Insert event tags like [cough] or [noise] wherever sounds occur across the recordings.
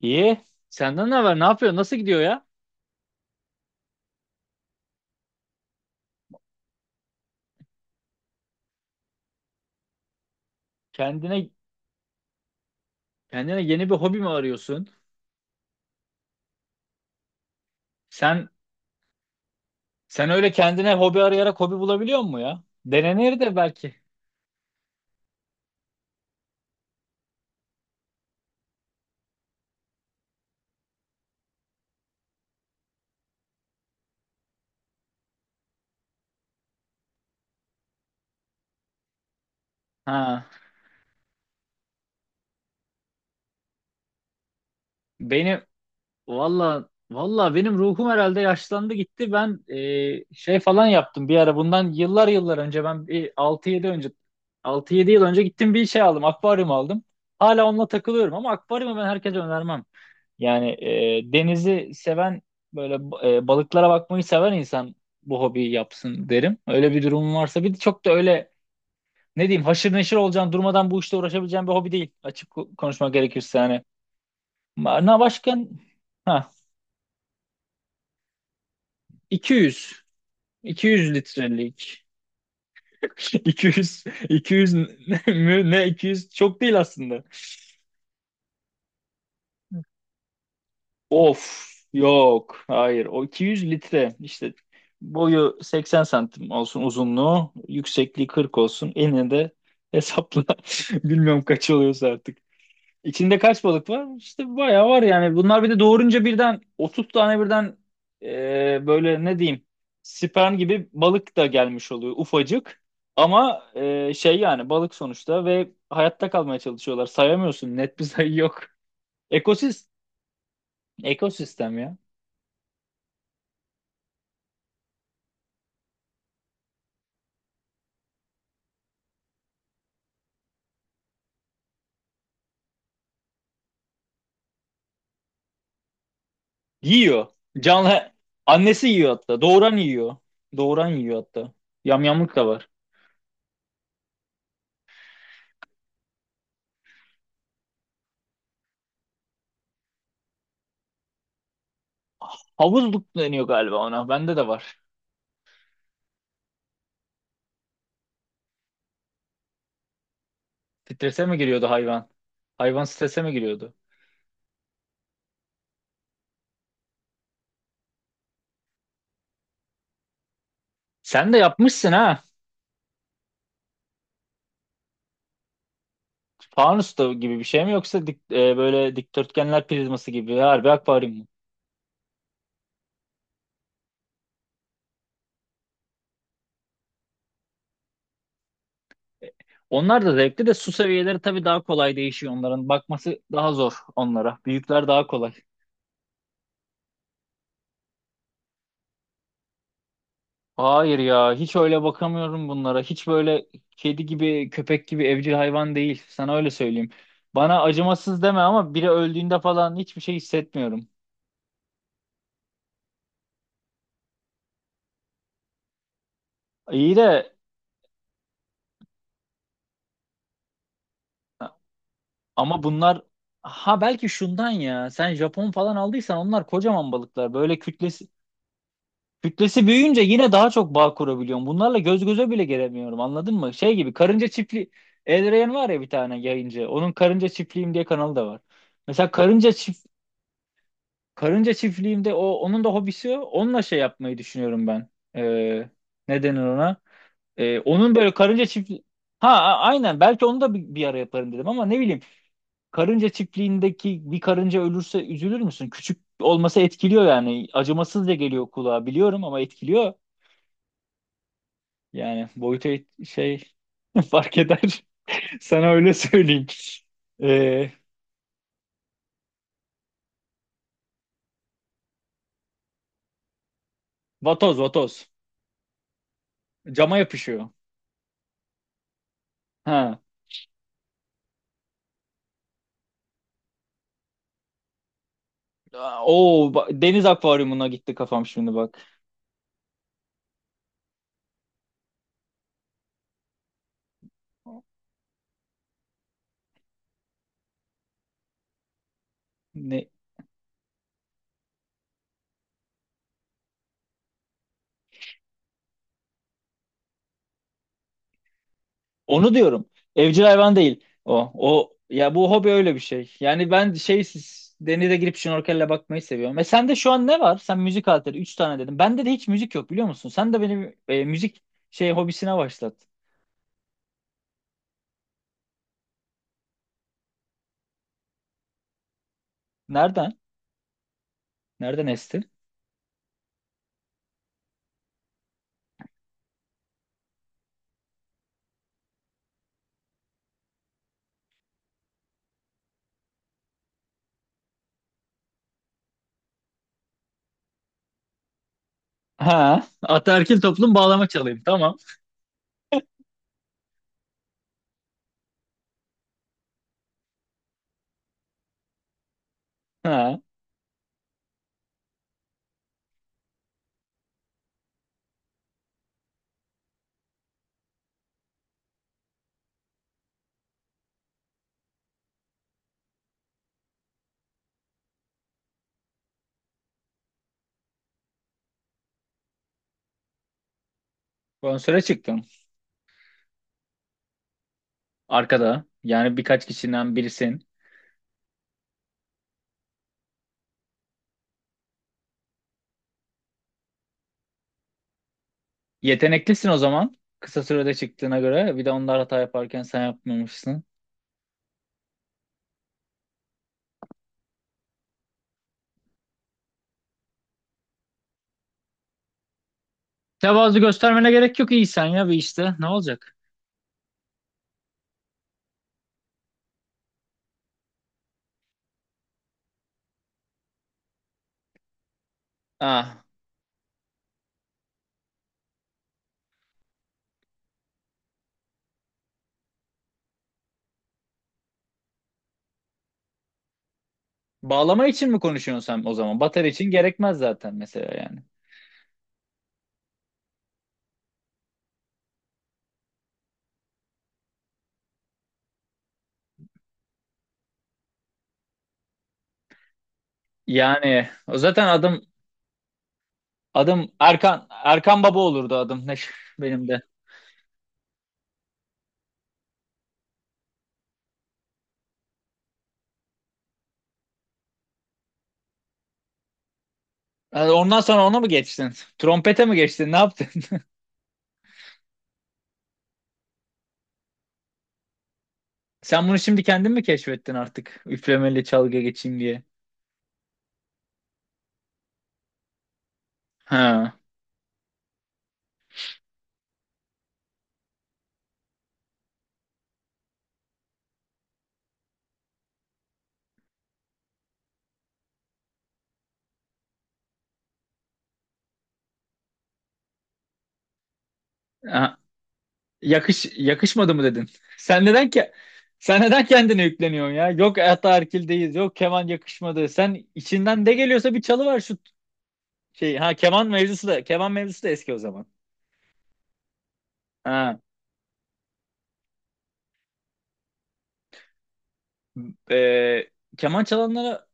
İyi. Senden ne haber? Ne yapıyorsun? Nasıl gidiyor ya? Kendine kendine yeni bir hobi mi arıyorsun? Sen sen öyle kendine hobi arayarak hobi bulabiliyor musun ya? Denenir de belki. Ha. Benim valla valla benim ruhum herhalde yaşlandı gitti. Ben şey falan yaptım bir ara. Bundan yıllar yıllar önce ben bir 6-7 önce altı yedi yıl önce gittim bir şey aldım. Akvaryum aldım. Hala onunla takılıyorum ama akvaryumu ben herkese önermem. Yani denizi seven böyle balıklara bakmayı seven insan bu hobiyi yapsın derim. Öyle bir durumun varsa bir de çok da öyle ne diyeyim haşır neşir olacağın, durmadan bu işte uğraşabileceğin bir hobi değil. Açık konuşmak gerekirse hani. Ma- Na başka ha, 200 200 litrelik. [laughs] 200 200 mü ne, 200 çok değil aslında. Of, yok hayır o 200 litre işte, boyu 80 santim olsun, uzunluğu yüksekliği 40 olsun, enine de hesapla [laughs] bilmiyorum kaç oluyorsa artık. İçinde kaç balık var? İşte bayağı var yani, bunlar bir de doğurunca birden 30 tane birden böyle ne diyeyim sperm gibi balık da gelmiş oluyor ufacık. Ama şey yani balık sonuçta ve hayatta kalmaya çalışıyorlar, sayamıyorsun, net bir sayı yok. Ekosistem, ekosistem ya. Yiyor. Canlı annesi yiyor hatta. Doğuran yiyor. Doğuran yiyor hatta. Yamyamlık da var. Havuzluk deniyor galiba ona. Bende de var. Strese mi giriyordu hayvan? Hayvan strese mi giriyordu? Sen de yapmışsın ha. Fanus da gibi bir şey mi, yoksa böyle dikdörtgenler prizması gibi harbi akvaryum mu? Onlar da zevkli de, su seviyeleri tabii daha kolay değişiyor onların. Bakması daha zor onlara. Büyükler daha kolay. Hayır ya, hiç öyle bakamıyorum bunlara. Hiç böyle kedi gibi köpek gibi evcil hayvan değil. Sana öyle söyleyeyim. Bana acımasız deme ama biri öldüğünde falan hiçbir şey hissetmiyorum. İyi de ama bunlar, ha belki şundan ya. Sen Japon falan aldıysan, onlar kocaman balıklar. Böyle kütlesi büyüyünce yine daha çok bağ kurabiliyorum. Bunlarla göz göze bile gelemiyorum. Anladın mı? Şey gibi, karınca çiftliği Elrayan var ya bir tane yayıncı. Onun karınca çiftliğim diye kanalı da var. Mesela karınca çift Karınca çiftliğimde, o onun da hobisi o. Onunla şey yapmayı düşünüyorum ben. Ee, ne denir ona? Onun böyle karınca çiftliği. Aynen, belki onu da bir, bir ara yaparım dedim ama ne bileyim, karınca çiftliğindeki bir karınca ölürse üzülür müsün? Küçük olması etkiliyor yani, acımasız da geliyor kulağa biliyorum ama etkiliyor. Yani boyutu şey [laughs] fark eder [laughs] sana öyle söyleyeyim. Ee, vatoz, vatoz cama yapışıyor. Ha. O deniz akvaryumuna gitti kafam şimdi bak. Ne? Onu diyorum. Evcil hayvan değil o. O ya, bu hobi öyle bir şey. Yani ben şey, denize girip şnorkelle bakmayı seviyorum. E sende şu an ne var? Sen müzik aleti 3 tane dedim. Bende de hiç müzik yok biliyor musun? Sen de benim müzik şey hobisine başlat. Nereden? Nereden esti? Ha, ataerkil toplum bağlama çalayım. Tamam. Ha, konsere çıktın. Arkada. Yani birkaç kişiden birisin. Yeteneklisin o zaman. Kısa sürede çıktığına göre. Bir de onlar hata yaparken sen yapmamışsın. Tevazu göstermene gerek yok, iyisen ya bir işte. Ne olacak? Ah, bağlama için mi konuşuyorsun sen o zaman? Batarya için gerekmez zaten mesela yani. Yani o zaten adım adım Erkan Erkan Baba olurdu adım, ne [laughs] benim de. Ha, ondan sonra ona mı geçtin? Trompete mi geçtin? Ne yaptın? [laughs] Sen bunu şimdi kendin mi keşfettin artık? Üflemeli çalgı geçeyim diye. Ha. Yakış yakışmadı mı dedin? [laughs] Sen neden ki sen neden kendine yükleniyorsun ya? Yok, ataerkildeyiz. Yok, keman yakışmadı. Sen içinden ne geliyorsa bir çalı var şu şey. Ha keman mevzusu da, keman mevzusu da eski o zaman. Ha. e, keman çalanlara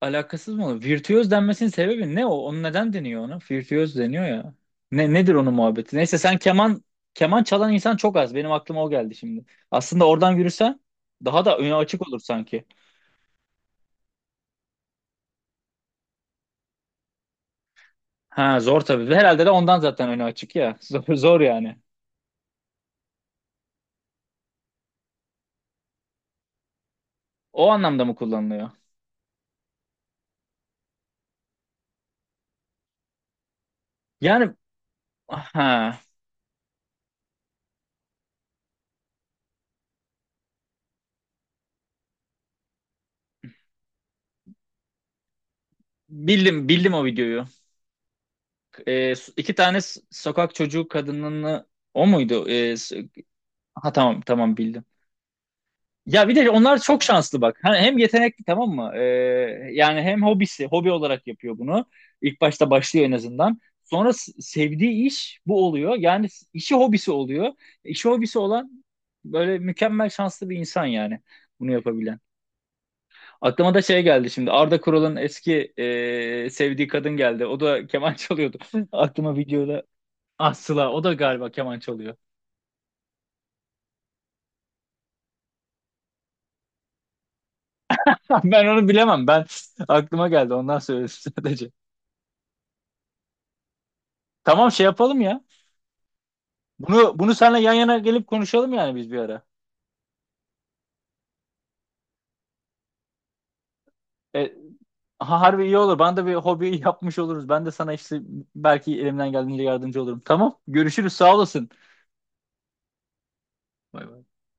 alakasız mı olur? Virtüöz denmesinin sebebi ne o? Onu neden deniyor ona? Virtüöz deniyor ya. Ne nedir onun muhabbeti? Neyse sen keman çalan insan çok az. Benim aklıma o geldi şimdi. Aslında oradan yürüsen daha da öne açık olur sanki. Ha zor tabii. Ve herhalde de ondan zaten önü açık ya. [laughs] Zor, zor yani. O anlamda mı kullanılıyor? Yani ha, bildim bildim o videoyu. İki tane sokak çocuğu kadınını, o muydu? Ha tamam, tamam bildim. Ya bir de onlar çok şanslı bak. Hani hem yetenekli, tamam mı? Yani hem hobisi, hobi olarak yapıyor bunu. İlk başta başlıyor en azından. Sonra sevdiği iş bu oluyor. Yani işi hobisi oluyor. İşi hobisi olan böyle mükemmel şanslı bir insan yani, bunu yapabilen. Aklıma da şey geldi şimdi. Arda Kural'ın eski sevdiği kadın geldi. O da keman çalıyordu. [laughs] Aklıma videoda. Ah Sıla, o da galiba keman çalıyor. [laughs] Ben onu bilemem. Ben, aklıma geldi. Ondan söyledim sadece. Tamam, şey yapalım ya. Bunu seninle yan yana gelip konuşalım yani biz bir ara. E, ha, harbi iyi olur. Bana da bir hobi [laughs] yapmış oluruz. Ben de sana işte belki elimden geldiğince yardımcı olurum. Tamam. Görüşürüz. Sağ olasın. Bay bay.